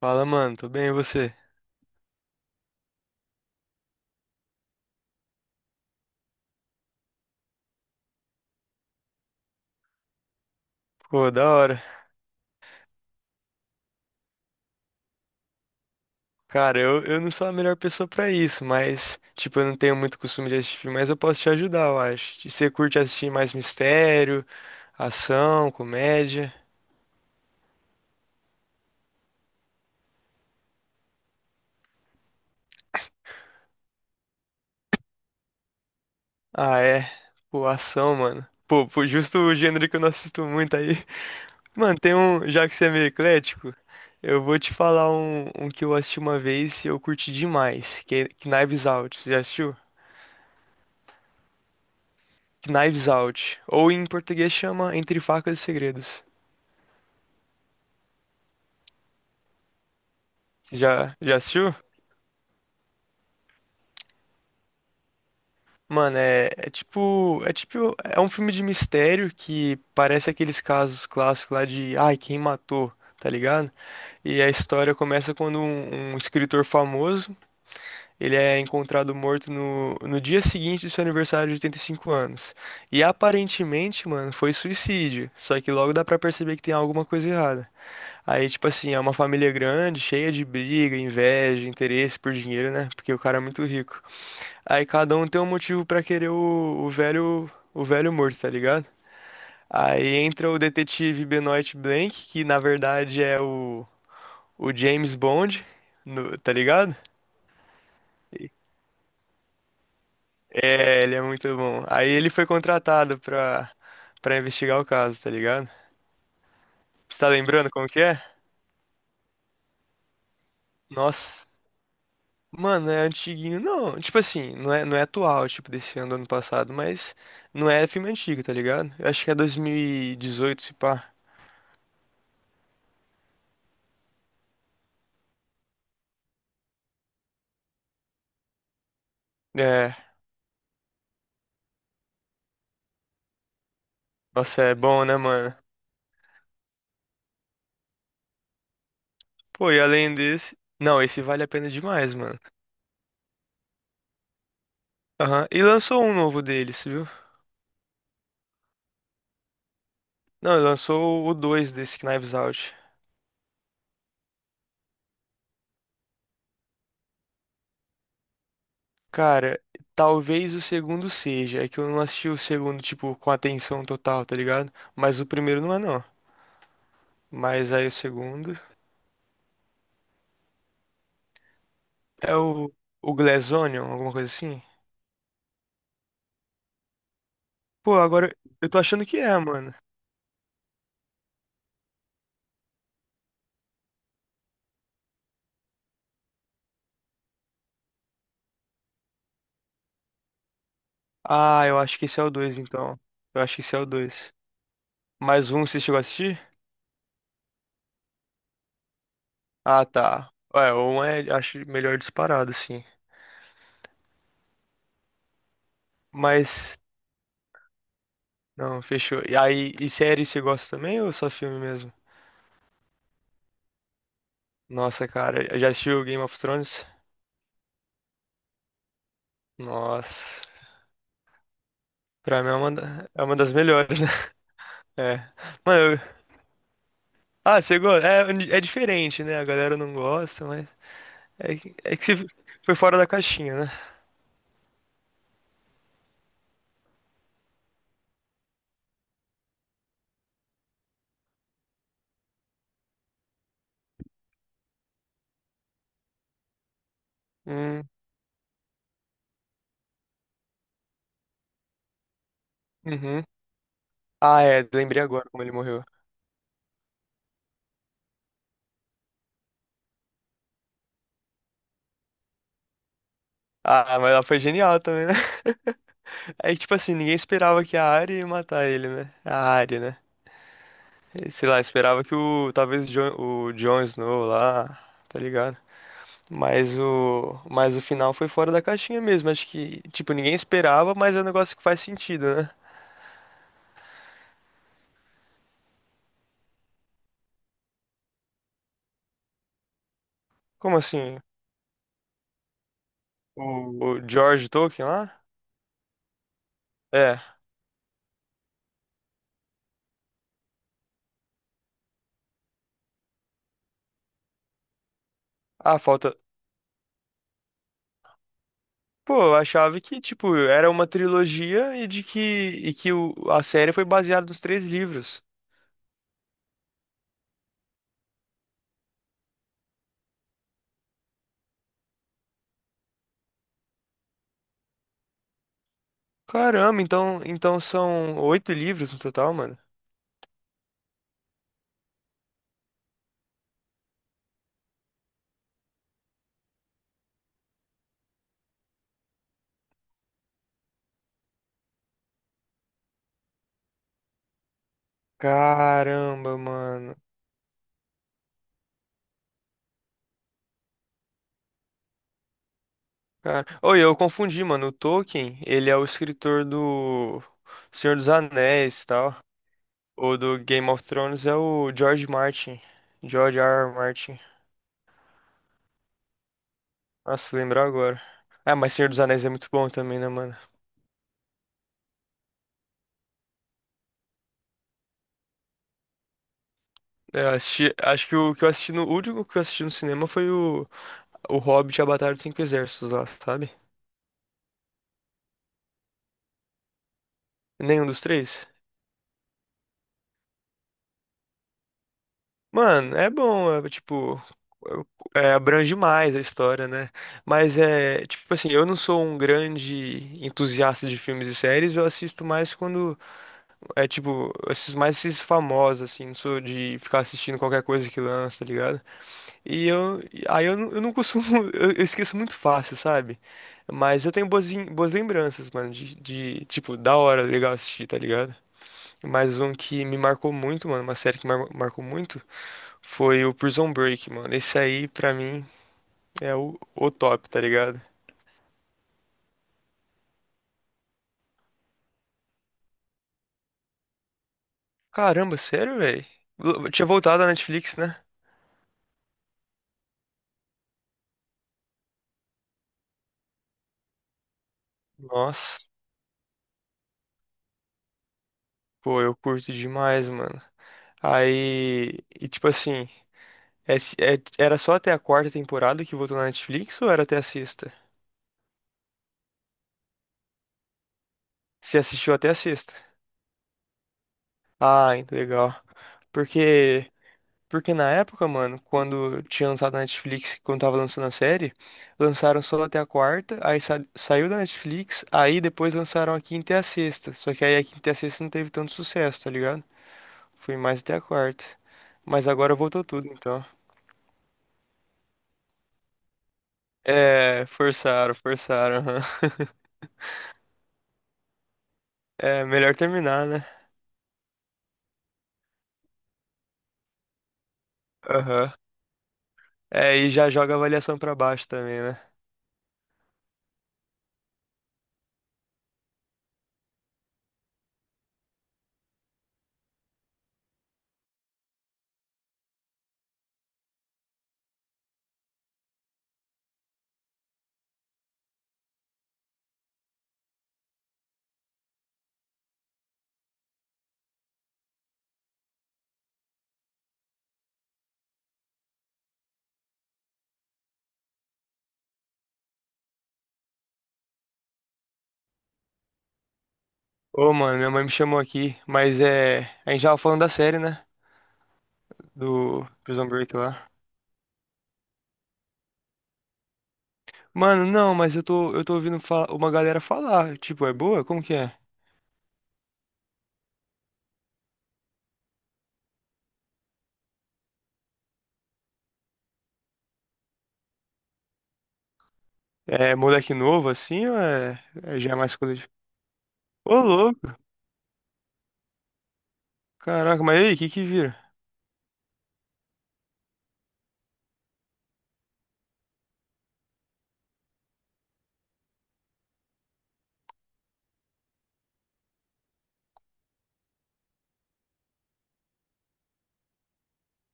Fala, mano, tudo bem e você? Pô, da hora. Cara, eu não sou a melhor pessoa pra isso, mas, tipo, eu não tenho muito costume de assistir filme, mas eu posso te ajudar, eu acho. E você curte assistir mais mistério, ação, comédia? Ah, é. Pô, ação, mano. Pô, justo o gênero que eu não assisto muito aí. Mano, tem um, já que você é meio eclético, eu vou te falar um, um que eu assisti uma vez e eu curti demais, que é Knives Out. Você já assistiu? Knives Out. Ou em português chama Entre Facas e Segredos. Já assistiu? Mano, é um filme de mistério que parece aqueles casos clássicos lá de, ai, quem matou, tá ligado? E a história começa quando um escritor famoso, ele é encontrado morto no, no dia seguinte do seu aniversário de 85 anos. E aparentemente, mano, foi suicídio, só que logo dá pra perceber que tem alguma coisa errada. Aí, tipo assim, é uma família grande, cheia de briga, inveja, interesse por dinheiro, né? Porque o cara é muito rico. Aí cada um tem um motivo pra querer o, o velho morto, tá ligado? Aí entra o detetive Benoit Blanc, que na verdade é o James Bond, tá ligado? É, ele é muito bom. Aí ele foi contratado pra, pra investigar o caso, tá ligado? Você tá lembrando como que é? Nossa, mano, é antiguinho. Não, tipo assim, não é, atual, tipo, desse ano, do ano passado, mas não é filme antigo, tá ligado? Eu acho que é 2018 se pá. É. Nossa, é bom, né, mano? Pô, e além desse. Não, esse vale a pena demais, mano. Aham. E lançou um novo deles, viu? Não, lançou o 2 desse Knives Out. Cara, talvez o segundo seja. É que eu não assisti o segundo, tipo, com atenção total, tá ligado? Mas o primeiro não é, não. Mas aí o segundo. É o. O Glass Onion, alguma coisa assim? Pô, agora. Eu tô achando que é, mano. Ah, eu acho que esse é o 2, então. Eu acho que esse é o 2. Mais um, você chegou a assistir? Ah, tá. É, um é, acho melhor disparado, assim. Mas, não, fechou. E aí, e série você gosta também ou só filme mesmo? Nossa, cara, já assistiu Game of Thrones? Nossa, pra mim é é uma das melhores, né? É. Mano, ah, você gosta? É diferente, né? A galera não gosta, mas é que você foi fora da caixinha, né? Hum, uhum. Ah, é, lembrei agora como ele morreu. Ah, mas ela foi genial também, né? É que, tipo assim, ninguém esperava que a Arya ia matar ele, né? A Arya, né? Sei lá, esperava que o talvez o Jon Snow lá, tá ligado? Mas o final foi fora da caixinha mesmo, acho que tipo ninguém esperava, mas é um negócio que faz sentido, né? Como assim? O George Tolkien lá? É. Ah, falta. Pô, eu achava que tipo era uma trilogia e de que e que o, a série foi baseada nos três livros. Caramba, então são oito livros no total, mano. Caramba, mano. Cara, oi, eu confundi, mano. O Tolkien, ele é o escritor do Senhor dos Anéis e tal. O do Game of Thrones é o George Martin. George R. R. Martin. Nossa, fui lembrar agora. Ah, mas Senhor dos Anéis é muito bom também, né, mano? É, eu assisti, acho que o que eu assisti no, o último que eu assisti no cinema foi o Hobbit e a Batalha dos Cinco Exércitos lá, sabe? Nenhum dos três? Mano, é bom, é, tipo, é, abrange mais a história, né? Mas é, tipo assim, eu não sou um grande entusiasta de filmes e séries, eu assisto mais quando, é tipo, eu assisto mais esses famosos, assim, não sou de ficar assistindo qualquer coisa que lança, tá ligado? E aí eu não costumo, eu esqueço muito fácil, sabe? Mas eu tenho boas lembranças, mano, de, tipo, da hora, legal assistir, tá ligado? Mais um que me marcou muito, mano, uma série que marcou muito. Foi o Prison Break, mano. Esse aí, pra mim, é o top, tá ligado? Caramba, sério, velho? Tinha voltado a Netflix, né? Nossa, pô, eu curto demais, mano. Aí, e tipo assim, era só até a quarta temporada que voltou na Netflix ou era até a sexta? Você assistiu até a sexta? Ah, legal. Porque Porque na época, mano, quando tinha lançado na Netflix, quando tava lançando a série, lançaram só até a quarta, aí saiu da Netflix, aí depois lançaram a quinta e a sexta. Só que aí a quinta e a sexta não teve tanto sucesso, tá ligado? Foi mais até a quarta. Mas agora voltou tudo, então. É, forçaram, forçaram. Aham. É, melhor terminar, né? Aham. É, e já joga a avaliação pra baixo também, né? Ô, mano, minha mãe me chamou aqui, mas é. A gente tava falando da série, né? Do Prison Break lá. Mano, não, mas eu tô ouvindo uma galera falar. Tipo, é boa? Como que é? É moleque novo assim ou é já é mais coletivo? Ô, louco! Caraca, mas e aí, o que que vira?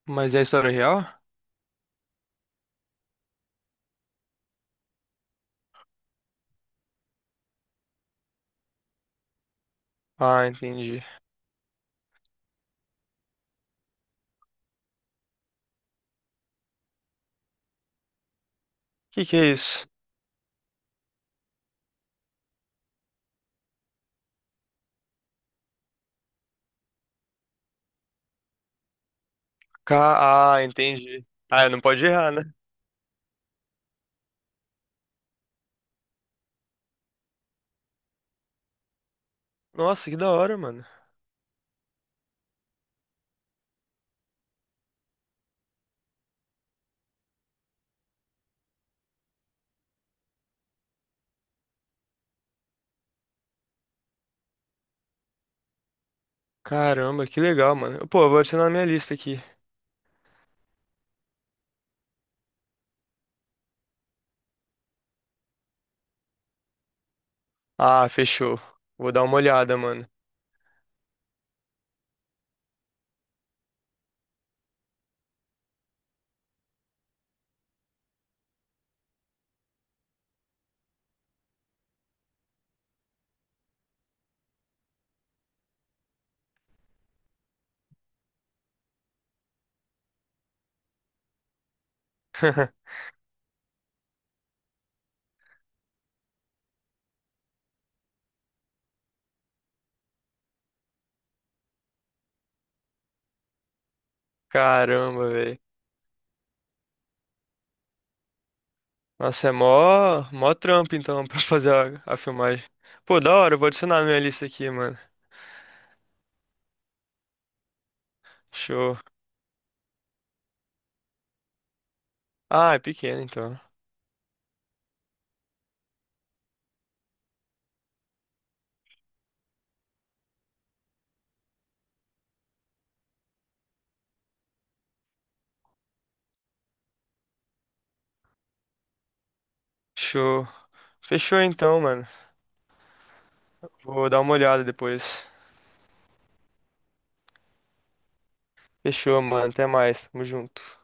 Mas é história real? Ah, entendi. O. Que que é isso? Ah, entendi. Ah, não pode errar, né? Nossa, que da hora, mano. Caramba, que legal, mano. Pô, eu vou adicionar na minha lista aqui. Ah, fechou. Vou dar uma olhada, mano. Caramba, velho. Nossa, é mó trampo então pra fazer a filmagem. Pô, da hora, eu vou adicionar na minha lista aqui, mano. Show. Ah, é pequeno então. Show. Fechou então, mano. Vou dar uma olhada depois. Fechou, mano. Até mais. Tamo junto.